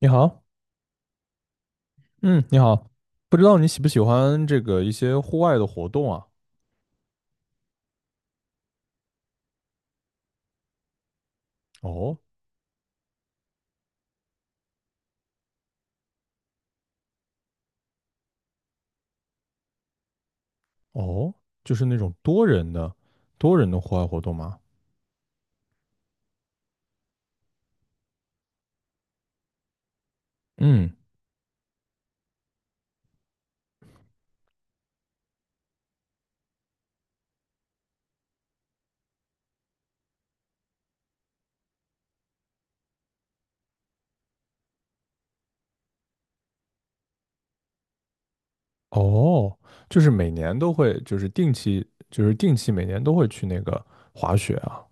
你好。嗯，你好。不知道你喜不喜欢这个一些户外的活动啊？哦。哦，就是那种多人的户外活动吗？嗯。哦，就是每年都会，就是定期，就是定期每年都会去那个滑雪啊。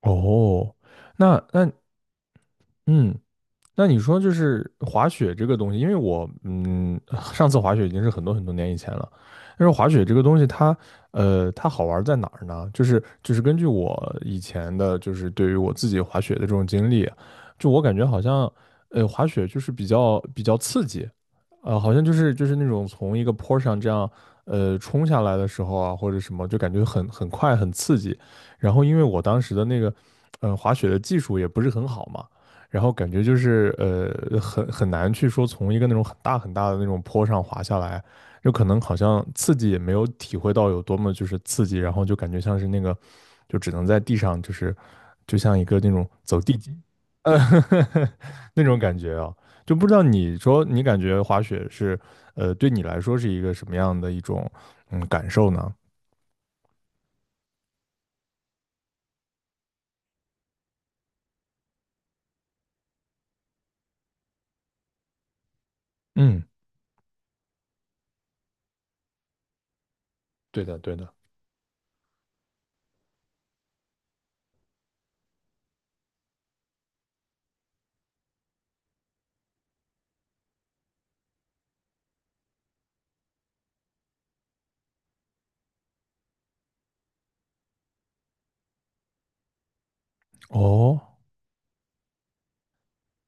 哦，那那嗯，那你说就是滑雪这个东西，因为我上次滑雪已经是很多很多年以前了。但是滑雪这个东西它，它好玩在哪儿呢？就是根据我以前的，就是对于我自己滑雪的这种经历，就我感觉好像，滑雪就是比较刺激，好像就是那种从一个坡上这样，冲下来的时候啊，或者什么，就感觉很快很刺激。然后因为我当时的那个，滑雪的技术也不是很好嘛。然后感觉就是很难去说从一个那种很大很大的那种坡上滑下来，就可能好像刺激也没有体会到有多么就是刺激，然后就感觉像是那个就只能在地上就是就像一个那种走地鸡，呃 那种感觉啊，就不知道你说你感觉滑雪是呃对你来说是一个什么样的一种嗯感受呢？嗯，对的，对的。哦，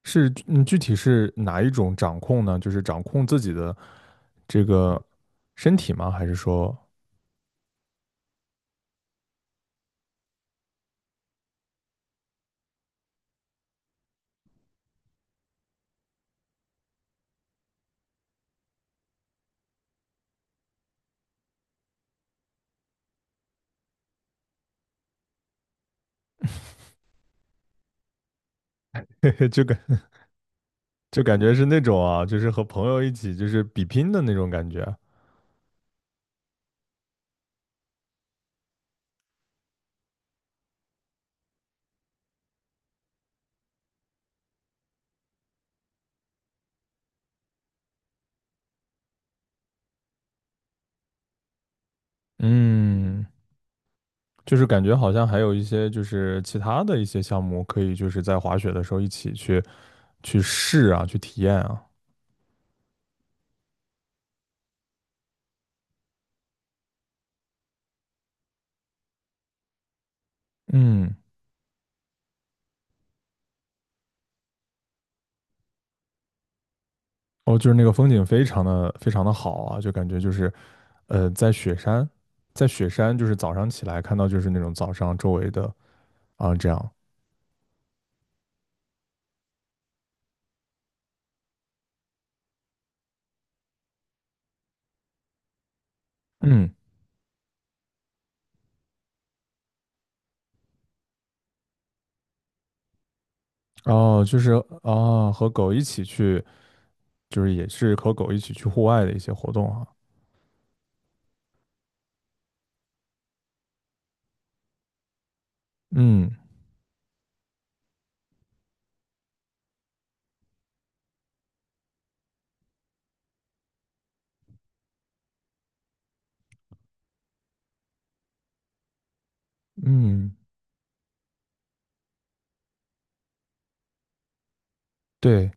是，嗯，具体是哪一种掌控呢？就是掌控自己的这个身体吗？还是说，就感就感觉是那种啊，就是和朋友一起就是比拼的那种感觉。嗯，就是感觉好像还有一些就是其他的一些项目可以就是在滑雪的时候一起去去试啊，去体验啊。嗯。哦，就是那个风景非常的非常的好啊，就感觉就是，在雪山，在雪山就是早上起来看到就是那种早上周围的啊这样。嗯。哦，就是啊和狗一起去，就是也是和狗一起去户外的一些活动啊。嗯。嗯，对。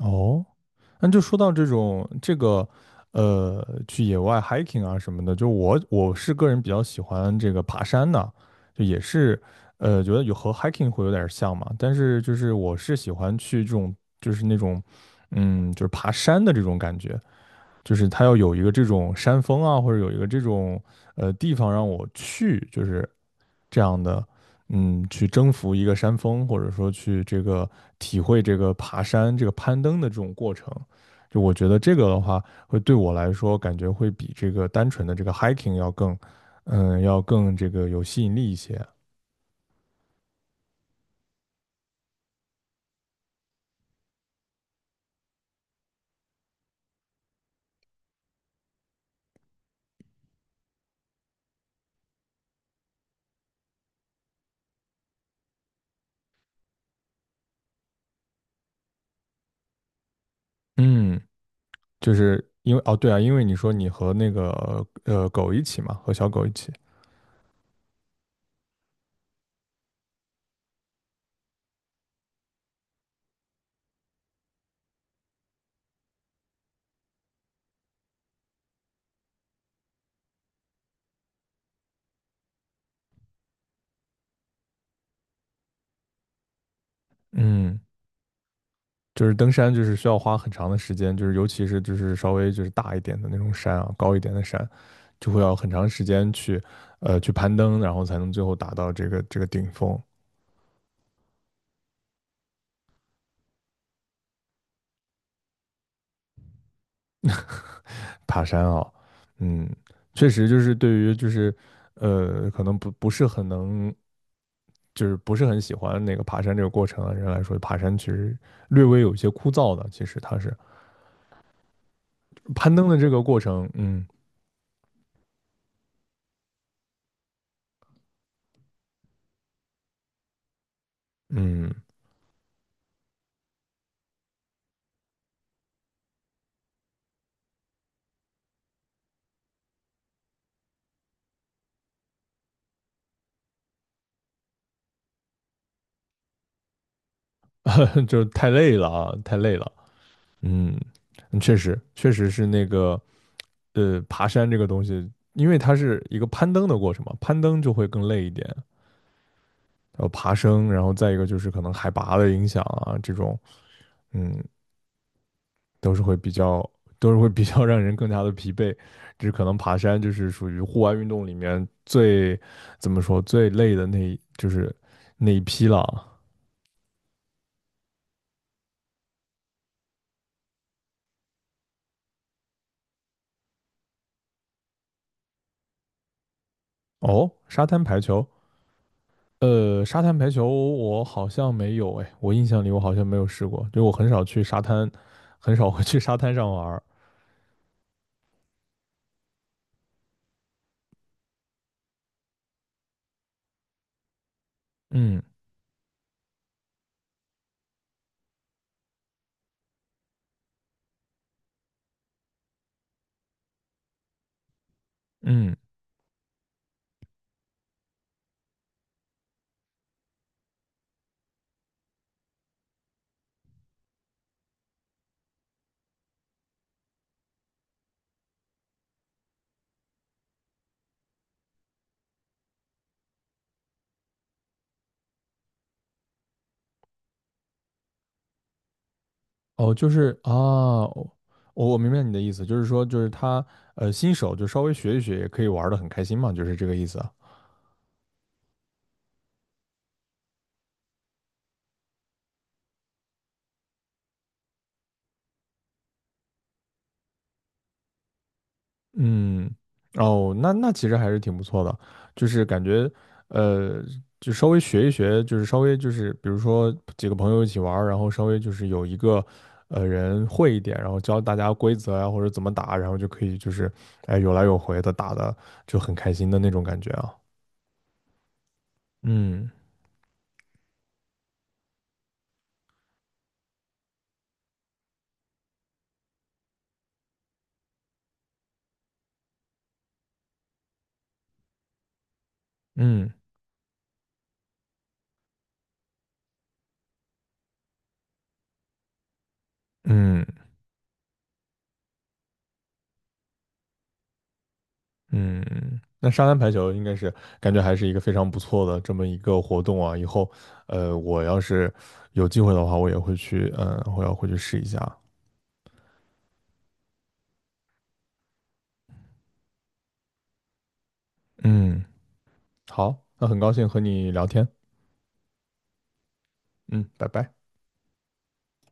哦，那就说到这种这个，去野外 hiking 啊什么的，就我是个人比较喜欢这个爬山的，就也是，觉得有和 hiking 会有点儿像嘛，但是就是我是喜欢去这种就是那种，嗯，就是爬山的这种感觉，就是它要有一个这种山峰啊，或者有一个这种地方让我去，就是这样的，嗯，去征服一个山峰，或者说去这个体会这个爬山、这个攀登的这种过程。就我觉得这个的话，会对我来说感觉会比这个单纯的这个 hiking 要更，嗯，要更这个有吸引力一些。嗯，就是因为哦，对啊，因为你说你和那个狗一起嘛，和小狗一起。嗯，就是登山就是需要花很长的时间，就是尤其是就是稍微就是大一点的那种山啊，高一点的山，就会要很长时间去去攀登，然后才能最后达到这个顶峰爬山啊。嗯，确实就是对于就是可能不是很能就是不是很喜欢那个爬山这个过程的人来说，爬山其实略微有一些枯燥的。其实它是攀登的这个过程。嗯。嗯，就是太累了啊，太累了。嗯，嗯确实，确实是那个爬山这个东西，因为它是一个攀登的过程嘛，攀登就会更累一点，然后爬升，然后再一个就是可能海拔的影响啊，这种，嗯，都是会比较，都是会比较让人更加的疲惫。只可能爬山就是属于户外运动里面最怎么说最累的那一就是那一批了啊。哦，沙滩排球。沙滩排球我好像没有哎，我印象里我好像没有试过，就我很少去沙滩，很少会去沙滩上玩儿。嗯。嗯，哦，就是啊，我我明白你的意思，就是说就是他新手就稍微学一学也可以玩的很开心嘛，就是这个意思啊。嗯，哦，那那其实还是挺不错的，就是感觉，呃，就稍微学一学，就是稍微就是，比如说几个朋友一起玩儿然后稍微就是有一个，人会一点，然后教大家规则呀，或者怎么打，然后就可以就是，哎，有来有回的打的就很开心的那种感觉啊。嗯。嗯。嗯。嗯，那沙滩排球应该是感觉还是一个非常不错的这么一个活动啊。以后，我要是有机会的话，我也会去，嗯、我要回去试一下。嗯，好，那很高兴和你聊天。嗯，拜拜。